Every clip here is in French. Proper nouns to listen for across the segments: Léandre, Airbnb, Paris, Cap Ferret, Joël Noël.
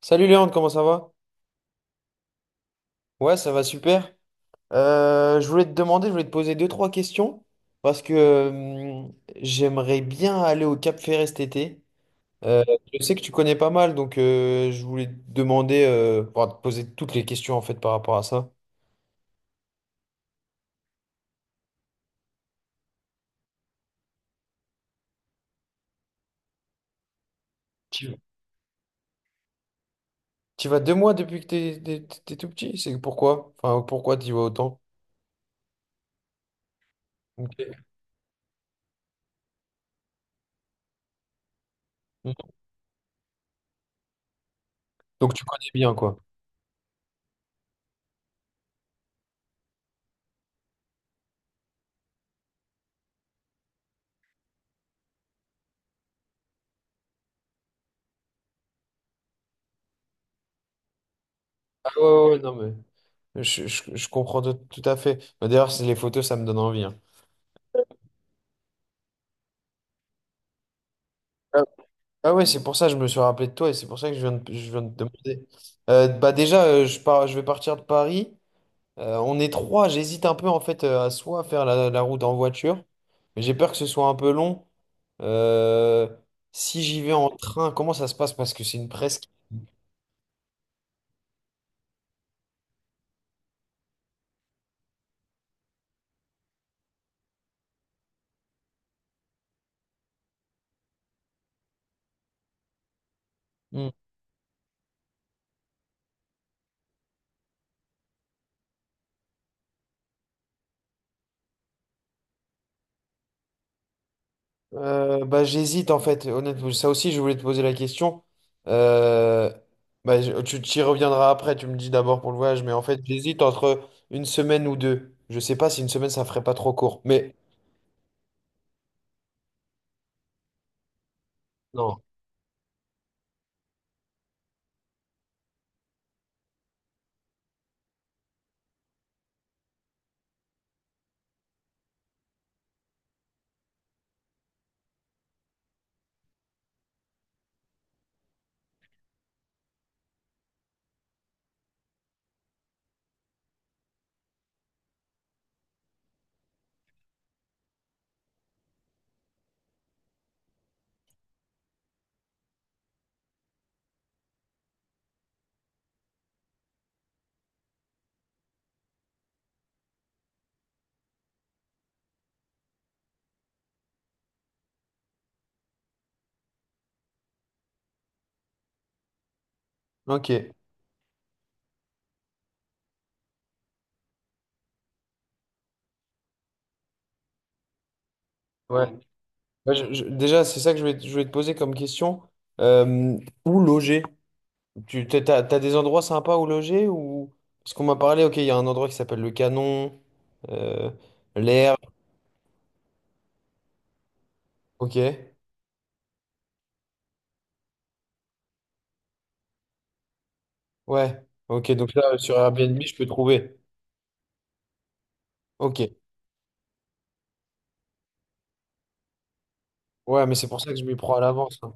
Salut Léandre, comment ça va? Ouais, ça va super. Je voulais te demander, je voulais te poser deux, trois questions parce que j'aimerais bien aller au Cap Ferret cet été. Euh, je sais que tu connais pas mal, donc je voulais te demander, enfin, te poser toutes les questions en fait par rapport à ça. Tu, tu vas deux mois depuis que t'es tout petit, c'est pourquoi? Enfin, pourquoi tu y vas autant? Ok. Mm. Donc tu connais bien quoi. Ah ouais, ouais, ouais, non mais je comprends tout, tout à fait. D'ailleurs, c'est- les photos, ça me donne envie, hein. Ah ouais, c'est pour ça que je me suis rappelé de toi et c'est pour ça que je viens de te demander. Bah déjà, je pars, je vais partir de Paris. On est trois. J'hésite un peu en fait à soit faire la route en voiture, mais j'ai peur que ce soit un peu long. Euh, si j'y vais en train, comment ça se passe? Parce que c'est une presque. Hmm. J'hésite en fait, honnêtement. Ça aussi, je voulais te poser la question. Euh, bah, je- tu y reviendras après, tu me dis d'abord pour le voyage, mais en fait, j'hésite entre une semaine ou deux. Je sais pas si une semaine, ça ferait pas trop court, mais non. Ok, ouais. Bah, je- déjà, c'est ça que je voulais te poser comme question. Euh, où loger? Tu t'as des endroits sympas où loger ou... Parce qu'on m'a parlé, ok, il y a un endroit qui s'appelle le Canon, euh, l'air, ok. Ouais, ok, donc là, sur Airbnb, je peux trouver. Ok. Ouais, mais c'est pour ça que je m'y prends à l'avance, hein.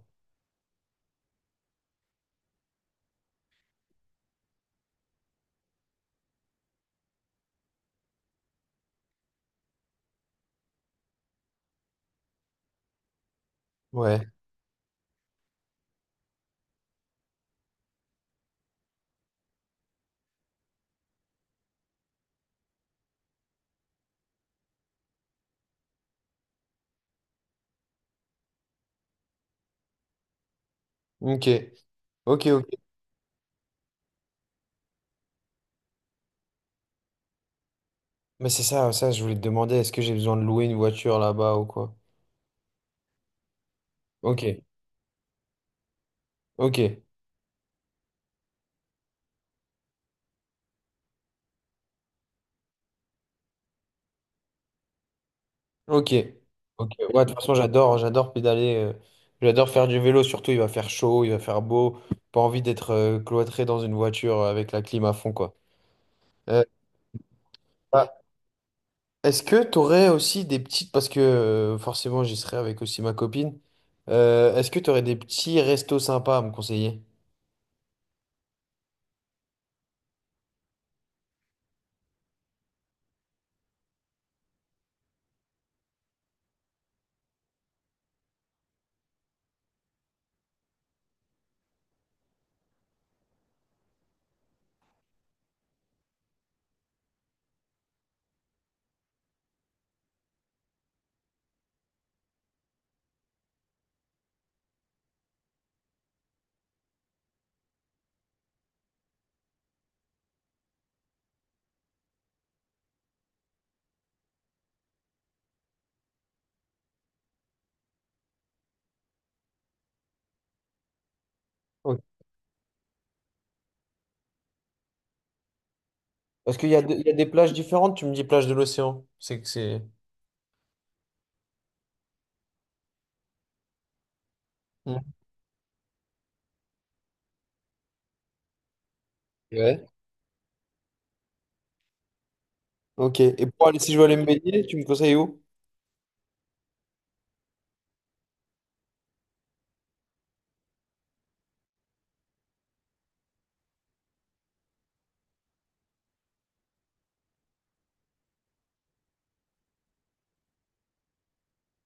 Ouais. Ok. Ok, ok. Mais c'est ça, ça, je voulais te demander, est-ce que j'ai besoin de louer une voiture là-bas ou quoi? Ok. Ok. Ok. Ok. Ouais, de toute façon, j'adore, j'adore pédaler. J'adore faire du vélo, surtout il va faire chaud, il va faire beau. Pas envie d'être cloîtré dans une voiture avec la clim à fond, quoi. Euh, bah, est-ce que tu aurais aussi des petites, parce que forcément j'y serai avec aussi ma copine. Est-ce que tu aurais des petits restos sympas à me conseiller? Parce qu'il y a, de- il y a des plages différentes, tu me dis plage de l'océan. C'est que c'est. Hmm. Ouais. Ok. Et pour aller, si je veux aller me baigner, tu me conseilles où?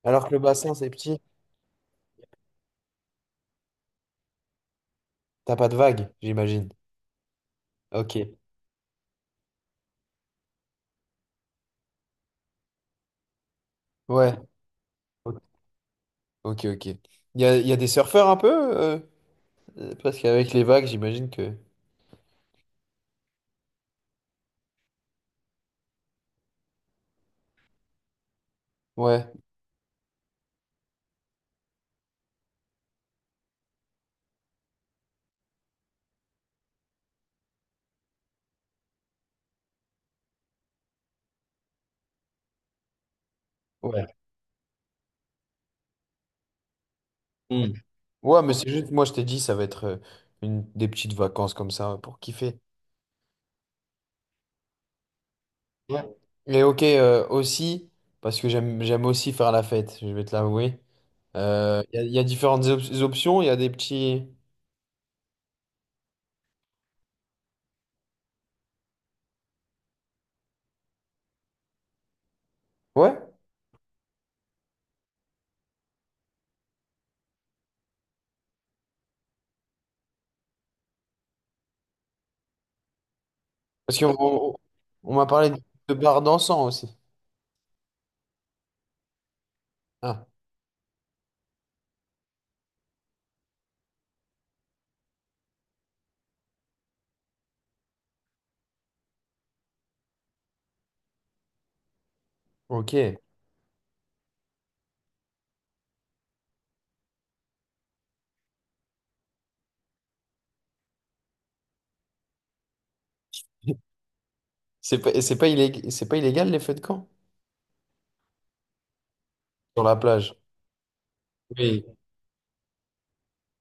Alors que le bassin, c'est petit, t'as pas de vagues, j'imagine. Ok. Ouais. Ok, ok, ok. Il y a des surfeurs un peu euh, parce qu'avec les vagues, j'imagine que. Ouais. Ouais. Hmm. Ouais, mais c'est juste, moi, je t'ai dit, ça va être une, des petites vacances comme ça pour kiffer. Ouais. Les hockey aussi, parce que j'aime aussi faire la fête, je vais te l'avouer. Il y, a il y a différentes op- options, il y a des petits... Ouais, parce qu'on on m'a parlé de bar dansant aussi. Ah, ok. C'est pas illég- c'est pas illégal les feux de camp sur la plage. Oui.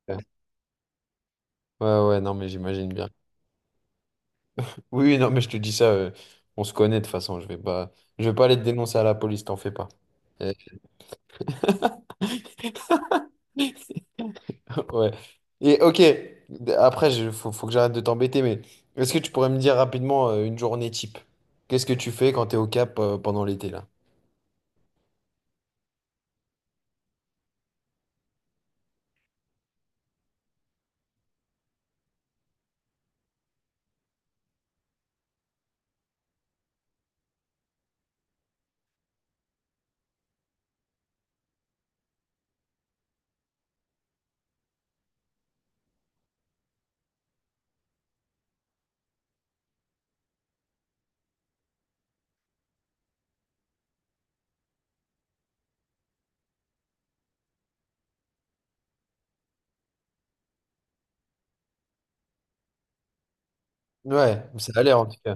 Ouais, ouais, non, mais j'imagine bien. Oui, oui, non, mais je te dis ça, on se connaît de toute façon, je vais pas aller te dénoncer à la police, t'en fais pas. Euh, Ouais. Et ok, après, il faut, faut que j'arrête de t'embêter, mais est-ce que tu pourrais me dire rapidement une journée type? Qu'est-ce que tu fais quand t'es au Cap pendant l'été là? Ouais, ça a l'air en tout cas.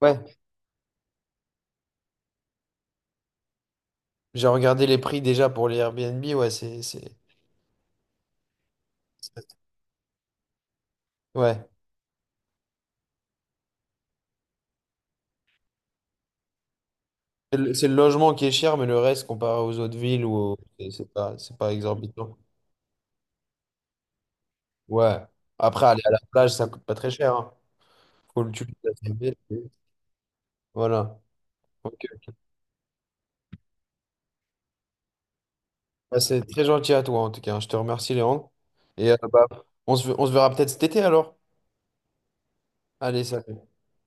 Ouais, j'ai regardé les prix déjà pour les Airbnb, ouais, c'est- ouais. C'est le logement qui est cher, mais le reste comparé aux autres villes, ou au- c'est pas exorbitant. Ouais. Après, aller à la plage, ça coûte pas très cher, hein. Faut le tuer. Voilà. Ok. Bah, c'est très gentil à toi en tout cas, hein. Je te remercie, Léandre. Et bah, on se verra peut-être cet été alors. Allez, salut.